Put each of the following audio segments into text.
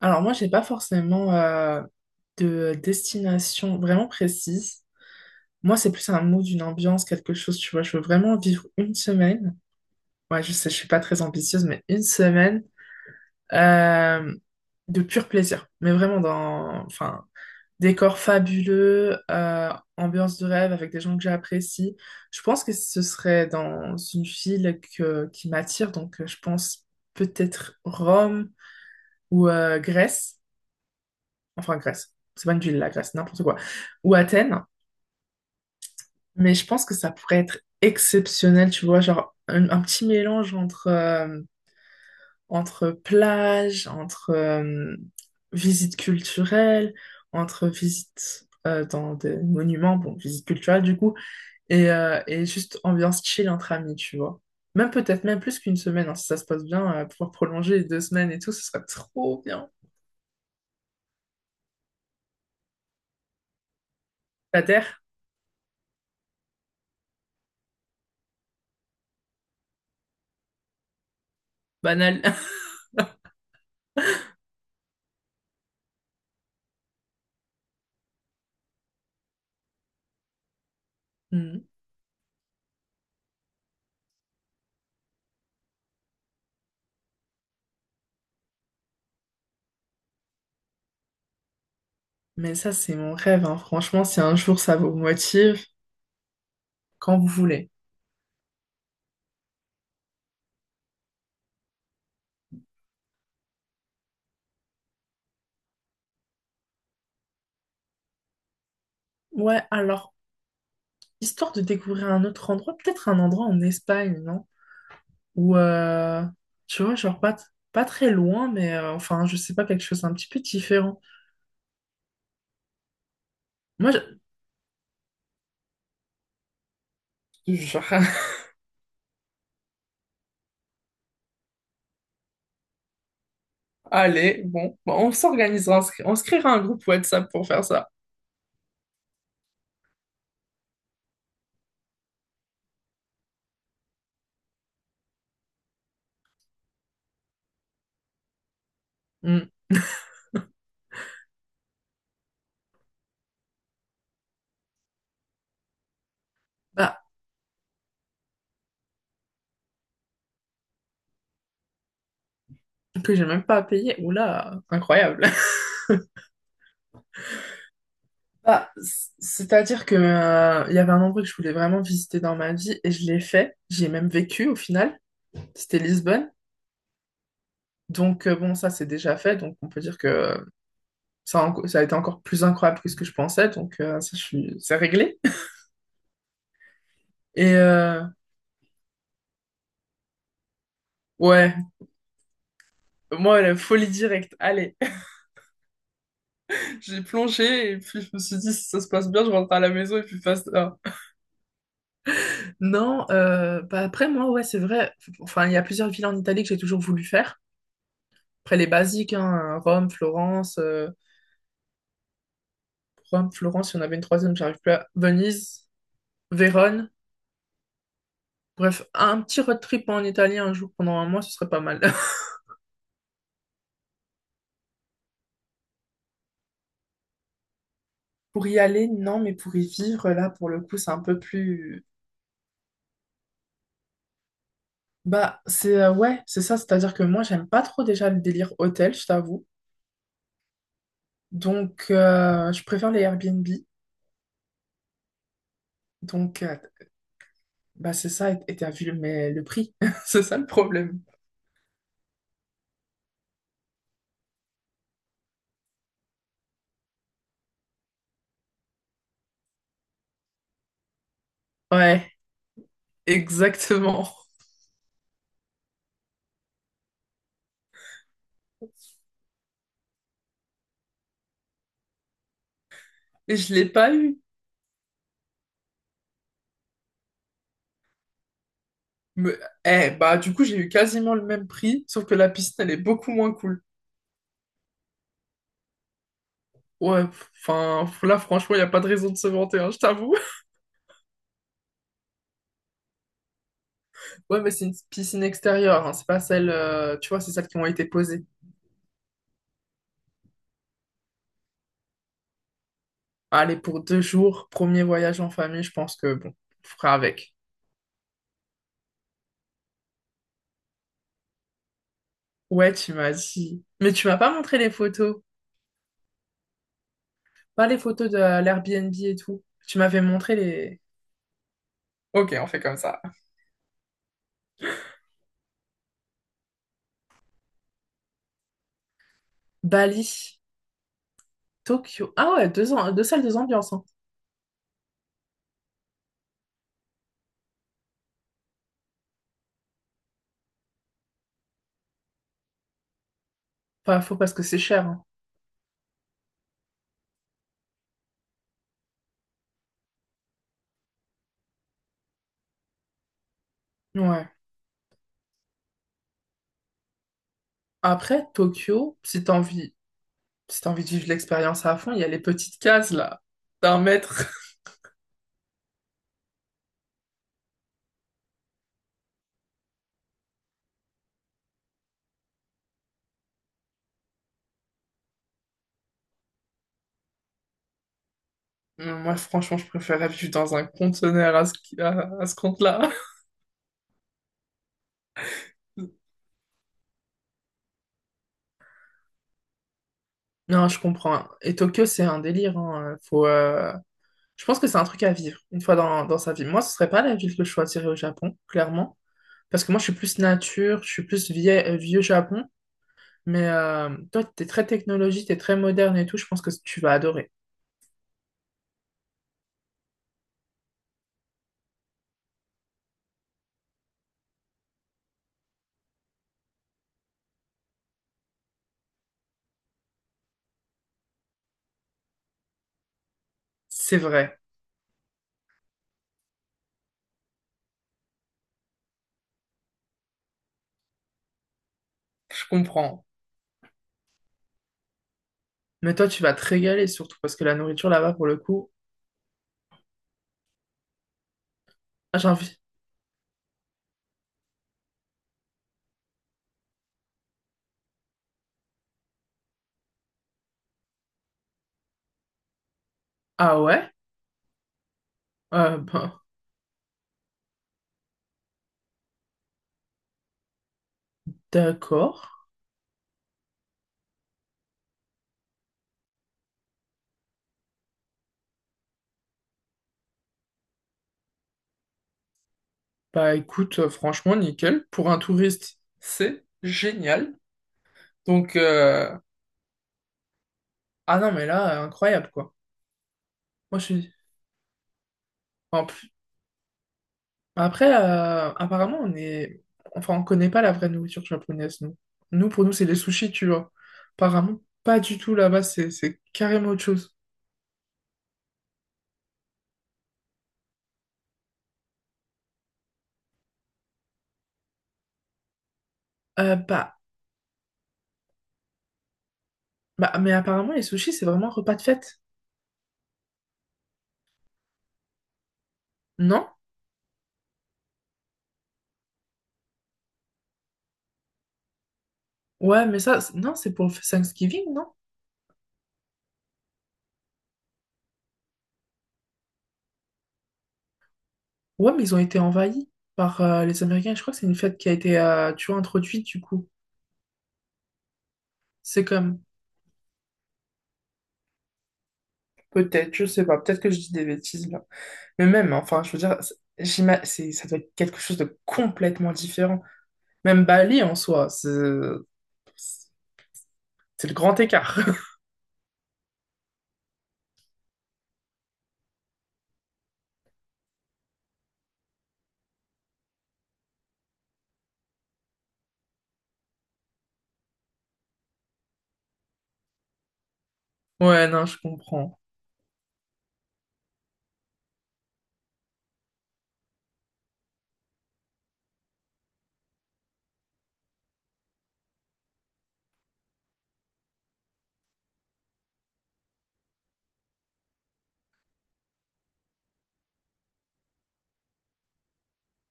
Alors moi, j'ai pas forcément de destination vraiment précise. Moi, c'est plus un mot d'une ambiance, quelque chose, tu vois. Je veux vraiment vivre une semaine. Ouais, je sais, je suis pas très ambitieuse, mais une semaine euh, de pur plaisir. Mais vraiment dans, enfin, décor fabuleux, ambiance de rêve avec des gens que j'apprécie. Je pense que ce serait dans une ville que, qui m'attire, donc je pense peut-être Rome ou Grèce. Enfin Grèce, c'est pas une ville la Grèce, n'importe quoi, ou Athènes, mais je pense que ça pourrait être exceptionnel, tu vois, genre un petit mélange entre, entre plage, entre visite culturelle, entre visite dans des monuments, bon, visite culturelle du coup, et juste ambiance chill entre amis, tu vois. Même peut-être même plus qu'une semaine, hein, si ça se passe bien, pouvoir prolonger les deux semaines et tout, ce serait trop bien. La terre, banal. Mais ça, c'est mon rêve, hein. Franchement, si un jour ça vous motive, quand vous voulez. Ouais, alors, histoire de découvrir un autre endroit, peut-être un endroit en Espagne, non? Ou, tu vois, genre pas, pas très loin, mais enfin, je sais pas, quelque chose un petit peu différent. Moi, je... genre, allez, bon, bon, on s'organisera, on se créera un groupe WhatsApp pour faire ça. Hmm. Bah, que j'ai même pas à payer. Oula, incroyable. Bah, c'est-à-dire que il y avait un endroit que je voulais vraiment visiter dans ma vie et je l'ai fait. J'y ai même vécu au final. C'était Lisbonne. Donc bon, ça c'est déjà fait. Donc on peut dire que ça a été encore plus incroyable que ce que je pensais. Donc ça, je suis, c'est réglé. Et ouais, moi la folie directe. Allez, j'ai plongé et puis je me suis dit si ça se passe bien, je rentre à la maison et puis passe. Non, bah après moi ouais c'est vrai. Enfin il y a plusieurs villes en Italie que j'ai toujours voulu faire. Après, les basiques, hein, Rome, Florence, il y en avait une troisième, j'arrive plus à... Venise, Vérone. Bref, un petit road trip en Italie un jour pendant un mois, ce serait pas mal. Pour y aller, non, mais pour y vivre, là, pour le coup, c'est un peu plus... Bah, c'est... ouais, c'est ça, c'est-à-dire que moi, j'aime pas trop déjà le délire hôtel, je t'avoue. Donc, je préfère les Airbnb. Donc, bah, c'est ça, et t'as vu le, mais le prix. C'est ça le problème. Ouais, exactement. Et je l'ai pas eu. Me- Eh, bah, du coup, j'ai eu quasiment le même prix, sauf que la piscine, elle est beaucoup moins cool. Ouais, enfin, là, franchement, il n'y a pas de raison de se vanter, hein, je t'avoue. Ouais, mais c'est une piscine extérieure, hein, c'est pas celle, tu vois, c'est celles qui ont été posées. Allez, pour deux jours, premier voyage en famille, je pense que, bon, on fera avec. Ouais, tu m'as dit. Mais tu m'as pas montré les photos. Pas les photos de l'Airbnb et tout. Tu m'avais montré les... Ok, on fait comme ça. Bali, Tokyo. Ah ouais, deux, ans, deux salles, deux ambiances, hein. Pas faux parce que c'est cher, hein. Ouais. Après, Tokyo, si t'as envie, si t'as envie de vivre l'expérience à fond, il y a les petites cases là, d'un mètre. Moi, franchement, je préférais vivre dans un conteneur à à ce compte-là. Non, je comprends. Et Tokyo, c'est un délire. Hein. Faut, je pense que c'est un truc à vivre une fois dans, dans sa vie. Moi, ce serait pas la ville que je choisirais au Japon, clairement. Parce que moi, je suis plus nature, je suis plus vieux Japon. Mais toi, t'es très technologie, t'es très moderne et tout. Je pense que tu vas adorer. C'est vrai. Je comprends. Mais toi, tu vas te régaler surtout parce que la nourriture là-bas, pour le coup, ah, j'ai envie. Ah ouais? Bah, d'accord. Bah écoute, franchement, nickel. Pour un touriste, c'est génial. Donc, ah non, mais là, incroyable quoi. Moi, je suis. En plus... Après, apparemment, on est. Enfin, on connaît pas la vraie nourriture japonaise, nous. Nous, pour nous, c'est les sushis, tu vois. Apparemment, pas du tout là-bas, c'est carrément autre chose. Euh, bah, bah, mais apparemment, les sushis, c'est vraiment repas de fête. Non? Ouais, mais ça, non, c'est pour Thanksgiving, non? Ouais, mais ils ont été envahis par les Américains. Je crois que c'est une fête qui a été, tu vois, introduite, du coup. C'est comme... Peut-être, je sais pas, peut-être que je dis des bêtises là. Mais même, hein, enfin, je veux dire, c'est, ça doit être quelque chose de complètement différent. Même Bali en soi, c'est le grand écart. Ouais, non, je comprends.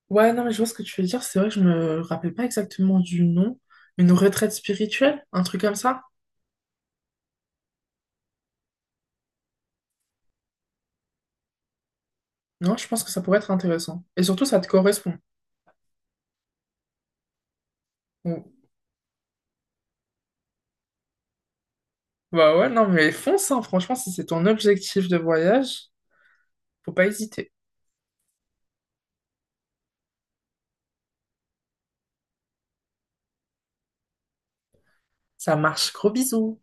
Ouais, non, mais je vois ce que tu veux dire. C'est vrai que je me rappelle pas exactement du nom. Une retraite spirituelle, un truc comme ça. Non, je pense que ça pourrait être intéressant. Et surtout, ça te correspond. Ou- Bah ouais, non, mais fonce, hein, franchement, si c'est ton objectif de voyage, faut pas hésiter. Ça marche, gros bisous.